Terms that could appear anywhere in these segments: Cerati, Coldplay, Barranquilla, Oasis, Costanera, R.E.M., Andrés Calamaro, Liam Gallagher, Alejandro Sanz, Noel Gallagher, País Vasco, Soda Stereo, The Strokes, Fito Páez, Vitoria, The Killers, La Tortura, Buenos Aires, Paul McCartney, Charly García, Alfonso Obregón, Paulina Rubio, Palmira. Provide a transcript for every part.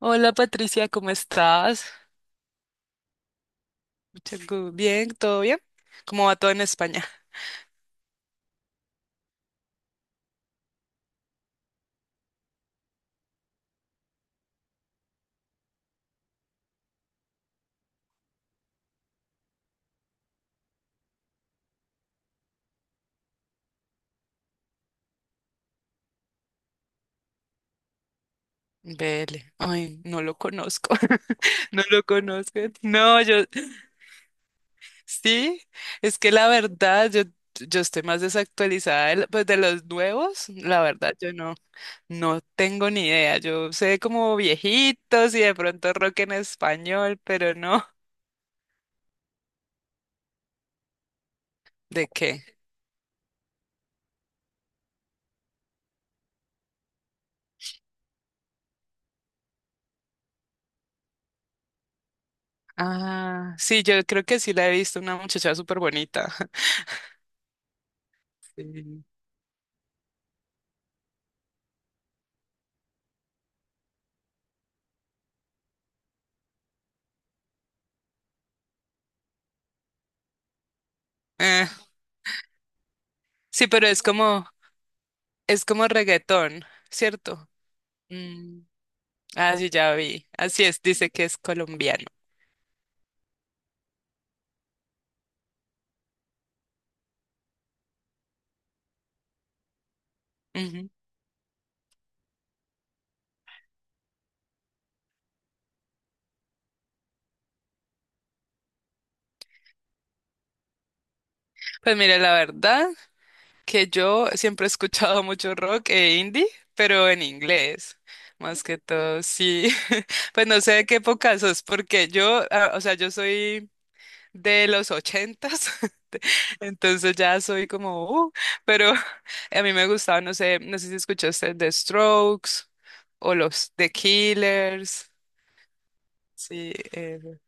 Hola Patricia, ¿cómo estás? Bien, ¿todo bien? ¿Cómo va todo en España? Vele, ay, no lo conozco, no lo conozco. No, yo, sí, es que la verdad, yo estoy más desactualizada de, pues, de los nuevos, la verdad, yo no tengo ni idea. Yo sé como viejitos y de pronto rock en español, pero no, ¿de qué? Ah, sí, yo creo que sí la he visto, una muchacha súper bonita. Sí. Sí, pero es como reggaetón, ¿cierto? Mm, ah, sí, ya vi. Así es, dice que es colombiano. Ujú. Pues mire, la verdad que yo siempre he escuchado mucho rock e indie, pero en inglés, más que todo, sí. Pues no sé de qué época sos, porque yo, ah, o sea, yo soy de los ochentas, entonces ya soy como, pero a mí me gustaba, no sé si escuchaste The Strokes o los The Killers. Sí, eso.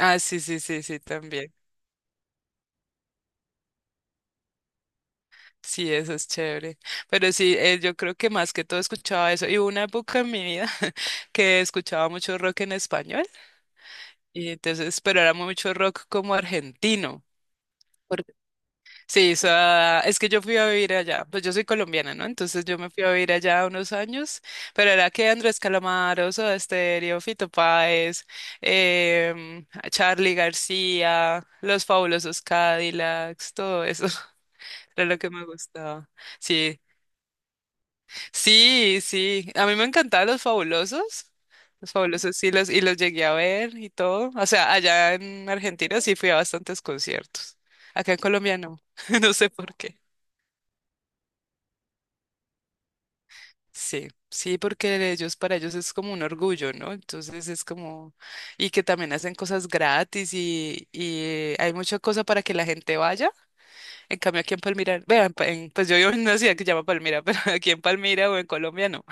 Ah, sí, sí, sí, sí, también. Sí, eso es chévere. Pero sí, yo creo que más que todo escuchaba eso. Y hubo una época en mi vida que escuchaba mucho rock en español. Y entonces, pero era mucho rock como argentino. Porque, sí, o sea, es que yo fui a vivir allá. Pues yo soy colombiana, ¿no? Entonces yo me fui a vivir allá unos años. Pero era que Andrés Calamaro, Soda Stereo, Fito Páez, em, Charly García, Los Fabulosos Cadillacs, todo eso. Era lo que me gustaba. Sí, sí, sí. A mí me encantaban los fabulosos. Los fabulosos sí los, y los llegué a ver y todo. O sea, allá en Argentina sí fui a bastantes conciertos. Acá en Colombia no. No sé por qué. Sí, sí, porque ellos, para ellos es como un orgullo, ¿no? Entonces es como, y que también hacen cosas gratis y hay mucha cosa para que la gente vaya. En cambio aquí en Palmira, vean, pues yo vivo en una ciudad que se llama Palmira, pero aquí en Palmira o en Colombia no.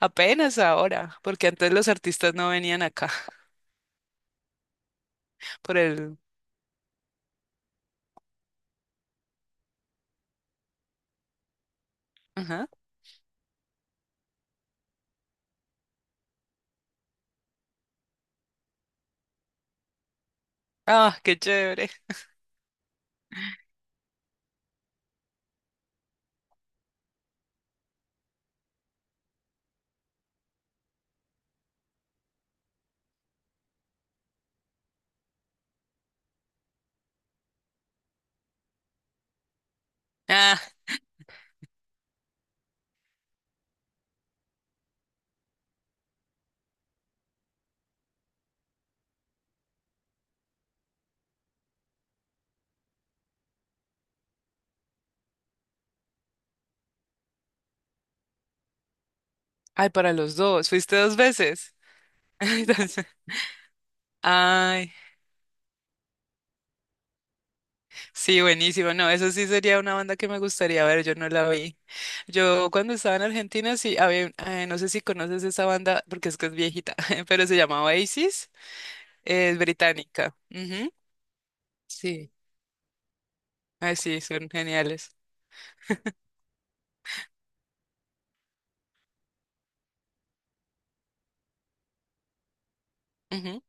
Apenas ahora, porque antes los artistas no venían acá por el... Ajá. Ah, qué chévere. Ah, ay, para los dos. Fuiste dos veces. Entonces, ay, sí, buenísimo. No, eso sí sería una banda que me gustaría ver. Yo no la vi. Yo cuando estaba en Argentina, sí, había, no sé si conoces esa banda, porque es que es viejita, pero se llama Oasis. Es británica. Ujú. Sí. Ay, sí, son geniales. Ujú.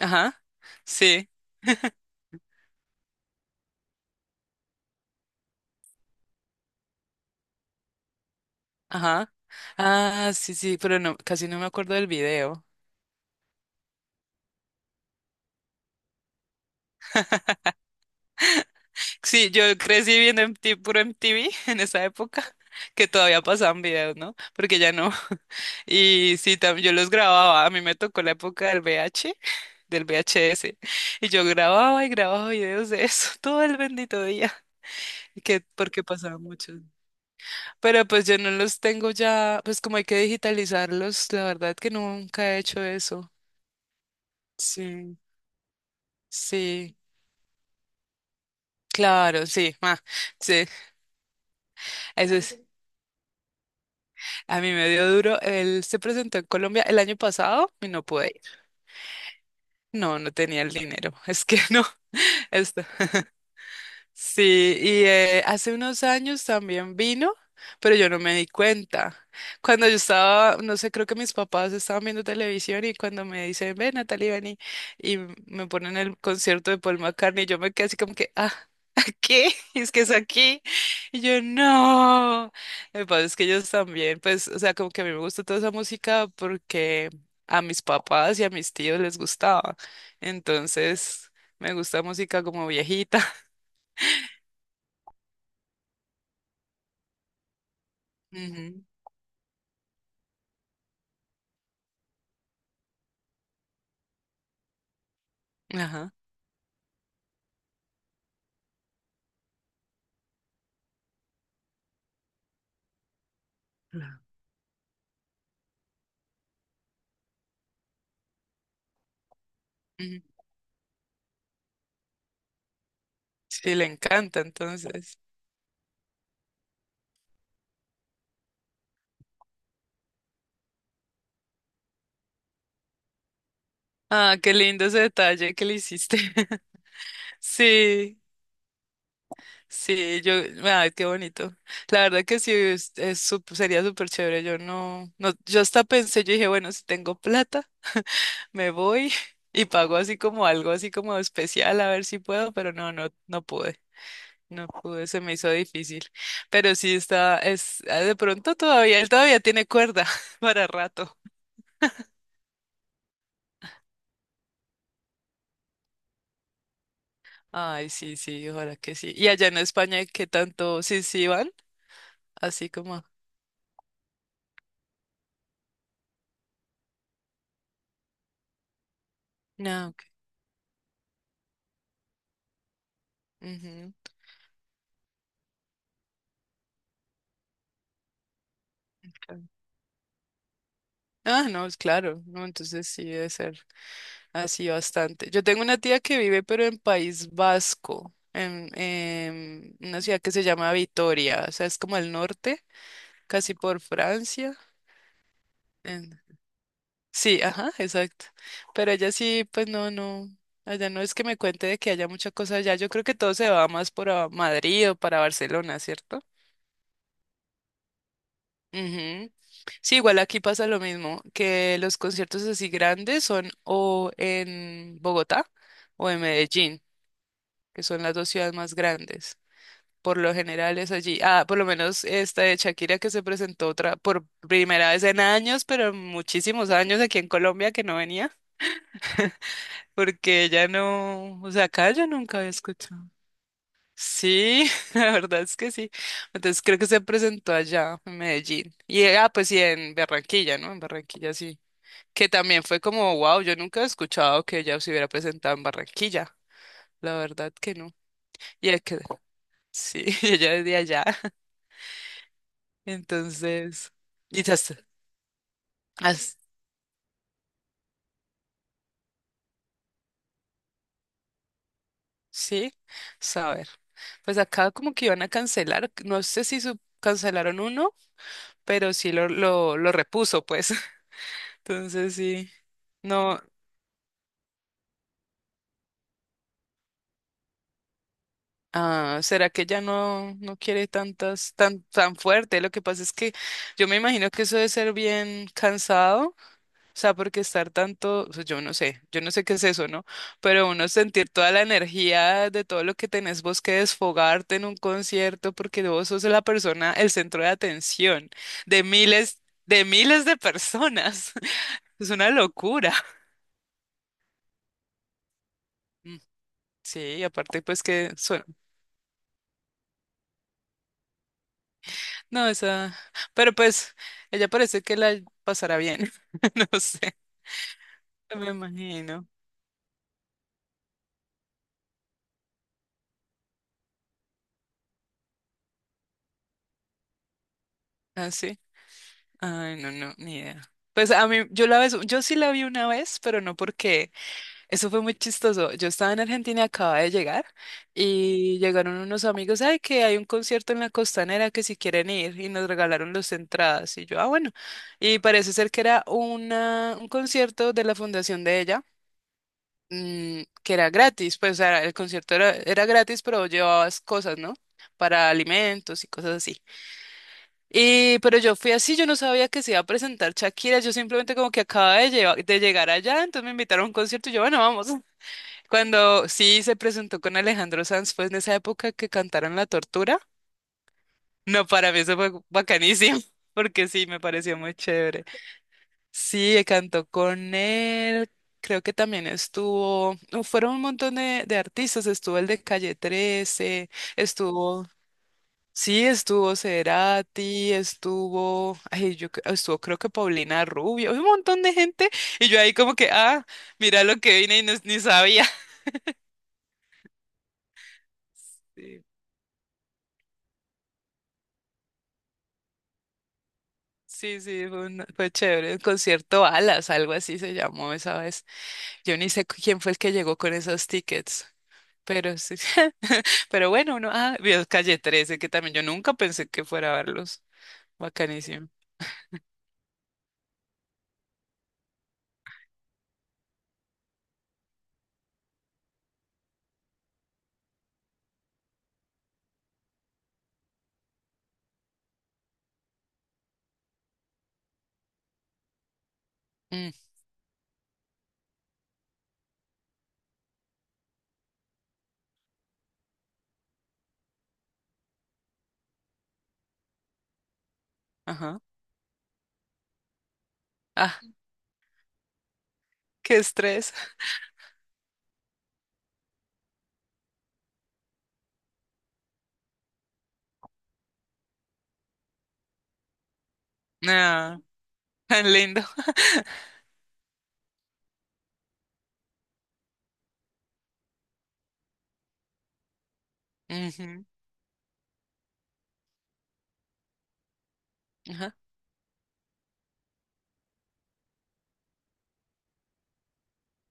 Ajá. Sí. Ajá. Ah, sí, sí, pero no, casi no me acuerdo del video. Sí, yo crecí viendo MTV, puro MTV en esa época, que todavía pasaban videos, ¿no? Porque ya no. Y sí, también yo los grababa. A mí me tocó la época del VH, del VHS. Y yo grababa y grababa videos de eso todo el bendito día. Y que, porque pasaba mucho. Pero pues yo no los tengo ya, pues como hay que digitalizarlos, la verdad que nunca he hecho eso. Sí, sí. Claro, sí, ah, sí, eso es. A mí me dio duro. Él se presentó en Colombia el año pasado y no pude ir. No, no tenía el dinero. Es que no, esto. Sí, y hace unos años también vino, pero yo no me di cuenta. Cuando yo estaba, no sé, creo que mis papás estaban viendo televisión y cuando me dicen, ven, Natalie, ven y me ponen el concierto de Paul McCartney, yo me quedé así como que, ah, ¿qué? Es que es aquí. Y yo, no. Me pasa es que ellos también, pues, o sea, como que a mí me gusta toda esa música porque a mis papás y a mis tíos les gustaba. Entonces, me gusta música como viejita. Ajá. Claro. Ujú. Sí, le encanta, entonces. Ah, qué lindo ese detalle que le hiciste. Sí, sí, yo, ay, qué bonito. La verdad que sí, es sería súper chévere. Yo no, yo hasta pensé, yo dije, bueno, si tengo plata, me voy y pago así como algo así como especial, a ver si puedo, pero no, no, no pude. No pude, se me hizo difícil. Pero sí está, de pronto todavía, él todavía tiene cuerda para rato. Ay, sí, sí, ojalá que sí. Y allá en España, ¿qué tanto? Sí, sí, van, así como. No, ok, ujú, claro. Ah, no, es claro, no, entonces sí debe ser así bastante. Yo tengo una tía que vive, pero en País Vasco, en una ciudad que se llama Vitoria, o sea, es como el norte, casi por Francia. en- Sí, ajá, exacto. Pero ella sí, pues no, no. Allá no es que me cuente de que haya mucha cosa allá. Yo creo que todo se va más por a Madrid o para Barcelona, ¿cierto? Ujú. Sí, igual aquí pasa lo mismo, que los conciertos así grandes son o en Bogotá o en Medellín, que son las dos ciudades más grandes. Por lo general es allí. Ah, por lo menos esta de Shakira que se presentó otra por primera vez en años, pero en muchísimos años aquí en Colombia que no venía, porque ella no, o sea, acá yo nunca había escuchado. Sí, la verdad es que sí. Entonces creo que se presentó allá en Medellín. Y ah, pues sí, en Barranquilla, ¿no? En Barranquilla sí. Que también fue como, wow, yo nunca he escuchado que ella se hubiera presentado en Barranquilla, la verdad que no. Y ella que, sí, y ella es de allá, entonces, quizás, as- sí, saber. Pues acá como que iban a cancelar, no sé si cancelaron uno, pero sí lo repuso, pues, entonces sí, no. Ah, ¿será que ella no quiere tantas, tan, tan fuerte? Lo que pasa es que yo me imagino que eso debe ser bien cansado. O sea, porque estar tanto, o sea, yo no sé qué es eso, ¿no? Pero uno sentir toda la energía de todo lo que tenés vos que desfogarte en un concierto, porque vos sos la persona, el centro de atención de miles, de miles de personas. Es una locura. Mm, sí, y aparte pues que suena. No, esa, pero pues ella parece que la pasará bien. No sé, me imagino. Así. Ay, no, no, ni idea. Pues a mí, yo la vez, yo sí la vi una vez, pero no porque eso fue muy chistoso. Yo estaba en Argentina, acababa de llegar y llegaron unos amigos, ay, que hay un concierto en la Costanera que si quieren ir y nos regalaron las entradas y yo, ah, bueno. Y parece ser que era un concierto de la fundación de ella, que era gratis, pues o sea, el concierto era gratis, pero llevabas cosas, ¿no? Para alimentos y cosas así. Y, pero yo fui así, yo no sabía que se iba a presentar Shakira, yo simplemente como que acaba de, de llegar allá, entonces me invitaron a un concierto y yo, bueno, vamos. Cuando sí se presentó con Alejandro Sanz, fue en esa época que cantaron La Tortura. No, para mí eso fue bacanísimo, porque sí, me pareció muy chévere. Sí, cantó con él, creo que también estuvo, no, fueron un montón de artistas, estuvo el de Calle 13, estuvo... Sí, estuvo Cerati, estuvo, ay, yo estuvo creo que Paulina Rubio, un montón de gente, y yo ahí como que, ah, mira lo que vine y ni sabía. Sí, sí, sí, fue, fue chévere, el concierto Alas, algo así se llamó esa vez. Yo ni sé quién fue el que llegó con esos tickets, pero sí, pero bueno, uno, ah, vio Calle 13, que también yo nunca pensé que fuera a verlos, bacanísimo. Mm, ajá, ah, qué estrés, ah, tan lindo. Ajá.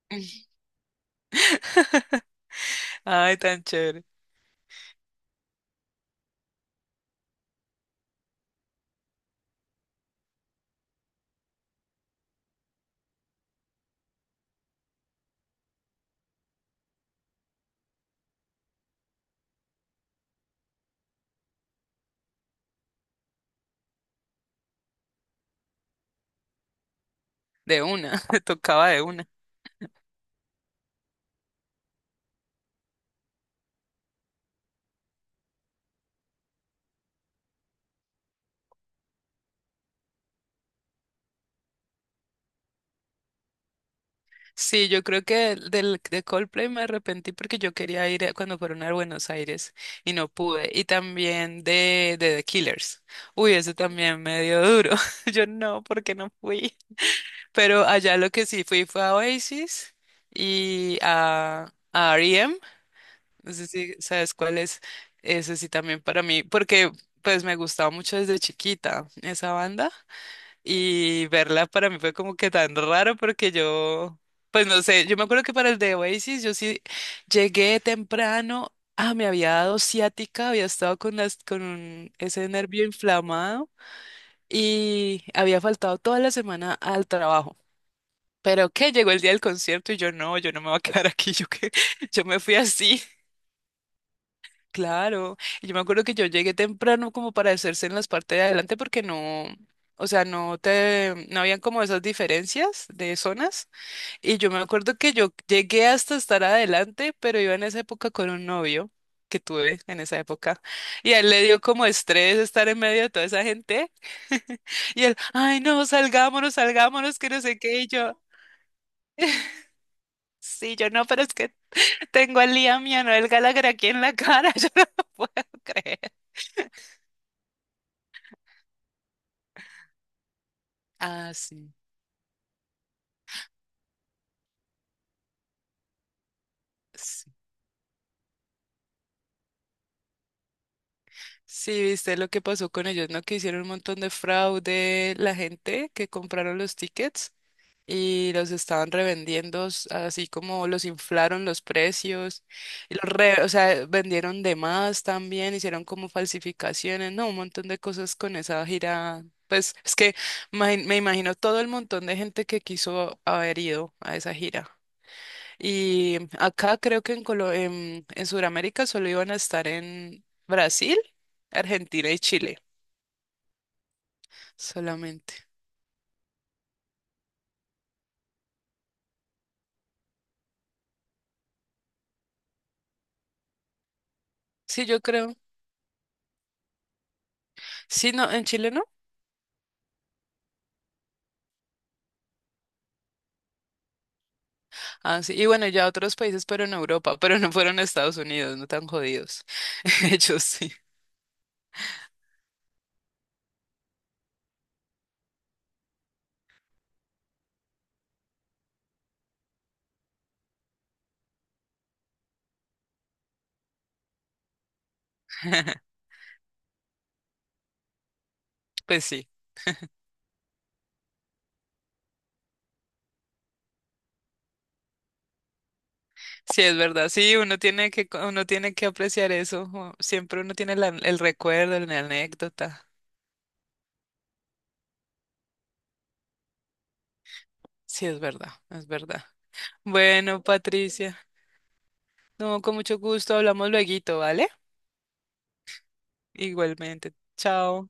Ay, tan chévere. De una, tocaba de una. Sí, yo creo que de Coldplay me arrepentí porque yo quería ir cuando fueron a Buenos Aires y no pude. Y también de The Killers. Uy, eso también me dio duro. Yo no, porque no fui. Pero allá lo que sí fui fue a Oasis y a R.E.M. No sé si sabes cuál es. Ese sí también para mí, porque pues me gustaba mucho desde chiquita esa banda. Y verla para mí fue como que tan raro porque yo, pues no sé, yo me acuerdo que para el de Oasis yo sí llegué temprano, ah, me había dado ciática, había estado con con ese nervio inflamado y había faltado toda la semana al trabajo. Pero que llegó el día del concierto y yo no me voy a quedar aquí, yo que yo me fui así. Claro, y yo me acuerdo que yo llegué temprano como para hacerse en las partes de adelante porque no, o sea, no habían como esas diferencias de zonas. Y yo me acuerdo que yo llegué hasta estar adelante, pero iba en esa época con un novio que tuve en esa época. Y a él le dio como estrés estar en medio de toda esa gente. Y él, ay, no, salgámonos, salgámonos, que no sé qué. Y yo, sí, yo no, pero es que tengo al Liam y a Noel Gallagher aquí en la cara, yo no lo puedo creer. Ah, sí. Sí, sí, viste lo que pasó con ellos, ¿no? Que hicieron un montón de fraude la gente que compraron los tickets y los estaban revendiendo, así como los inflaron los precios, y los o sea, vendieron de más también, hicieron como falsificaciones, ¿no? Un montón de cosas con esa gira. Pues es que me imagino todo el montón de gente que quiso haber ido a esa gira. Y acá creo que en Sudamérica solo iban a estar en Brasil, Argentina y Chile, solamente. Sí, yo creo. Sí, no, en Chile no. Ah, sí. Y bueno, ya otros países, pero en Europa, pero no fueron a Estados Unidos, no tan jodidos. Ellos sí. Pues sí, sí es verdad. Sí, uno tiene que apreciar eso. Siempre uno tiene el recuerdo, la anécdota. Sí, es verdad, es verdad. Bueno, Patricia, no, con mucho gusto, hablamos lueguito, ¿vale? Igualmente. Chao.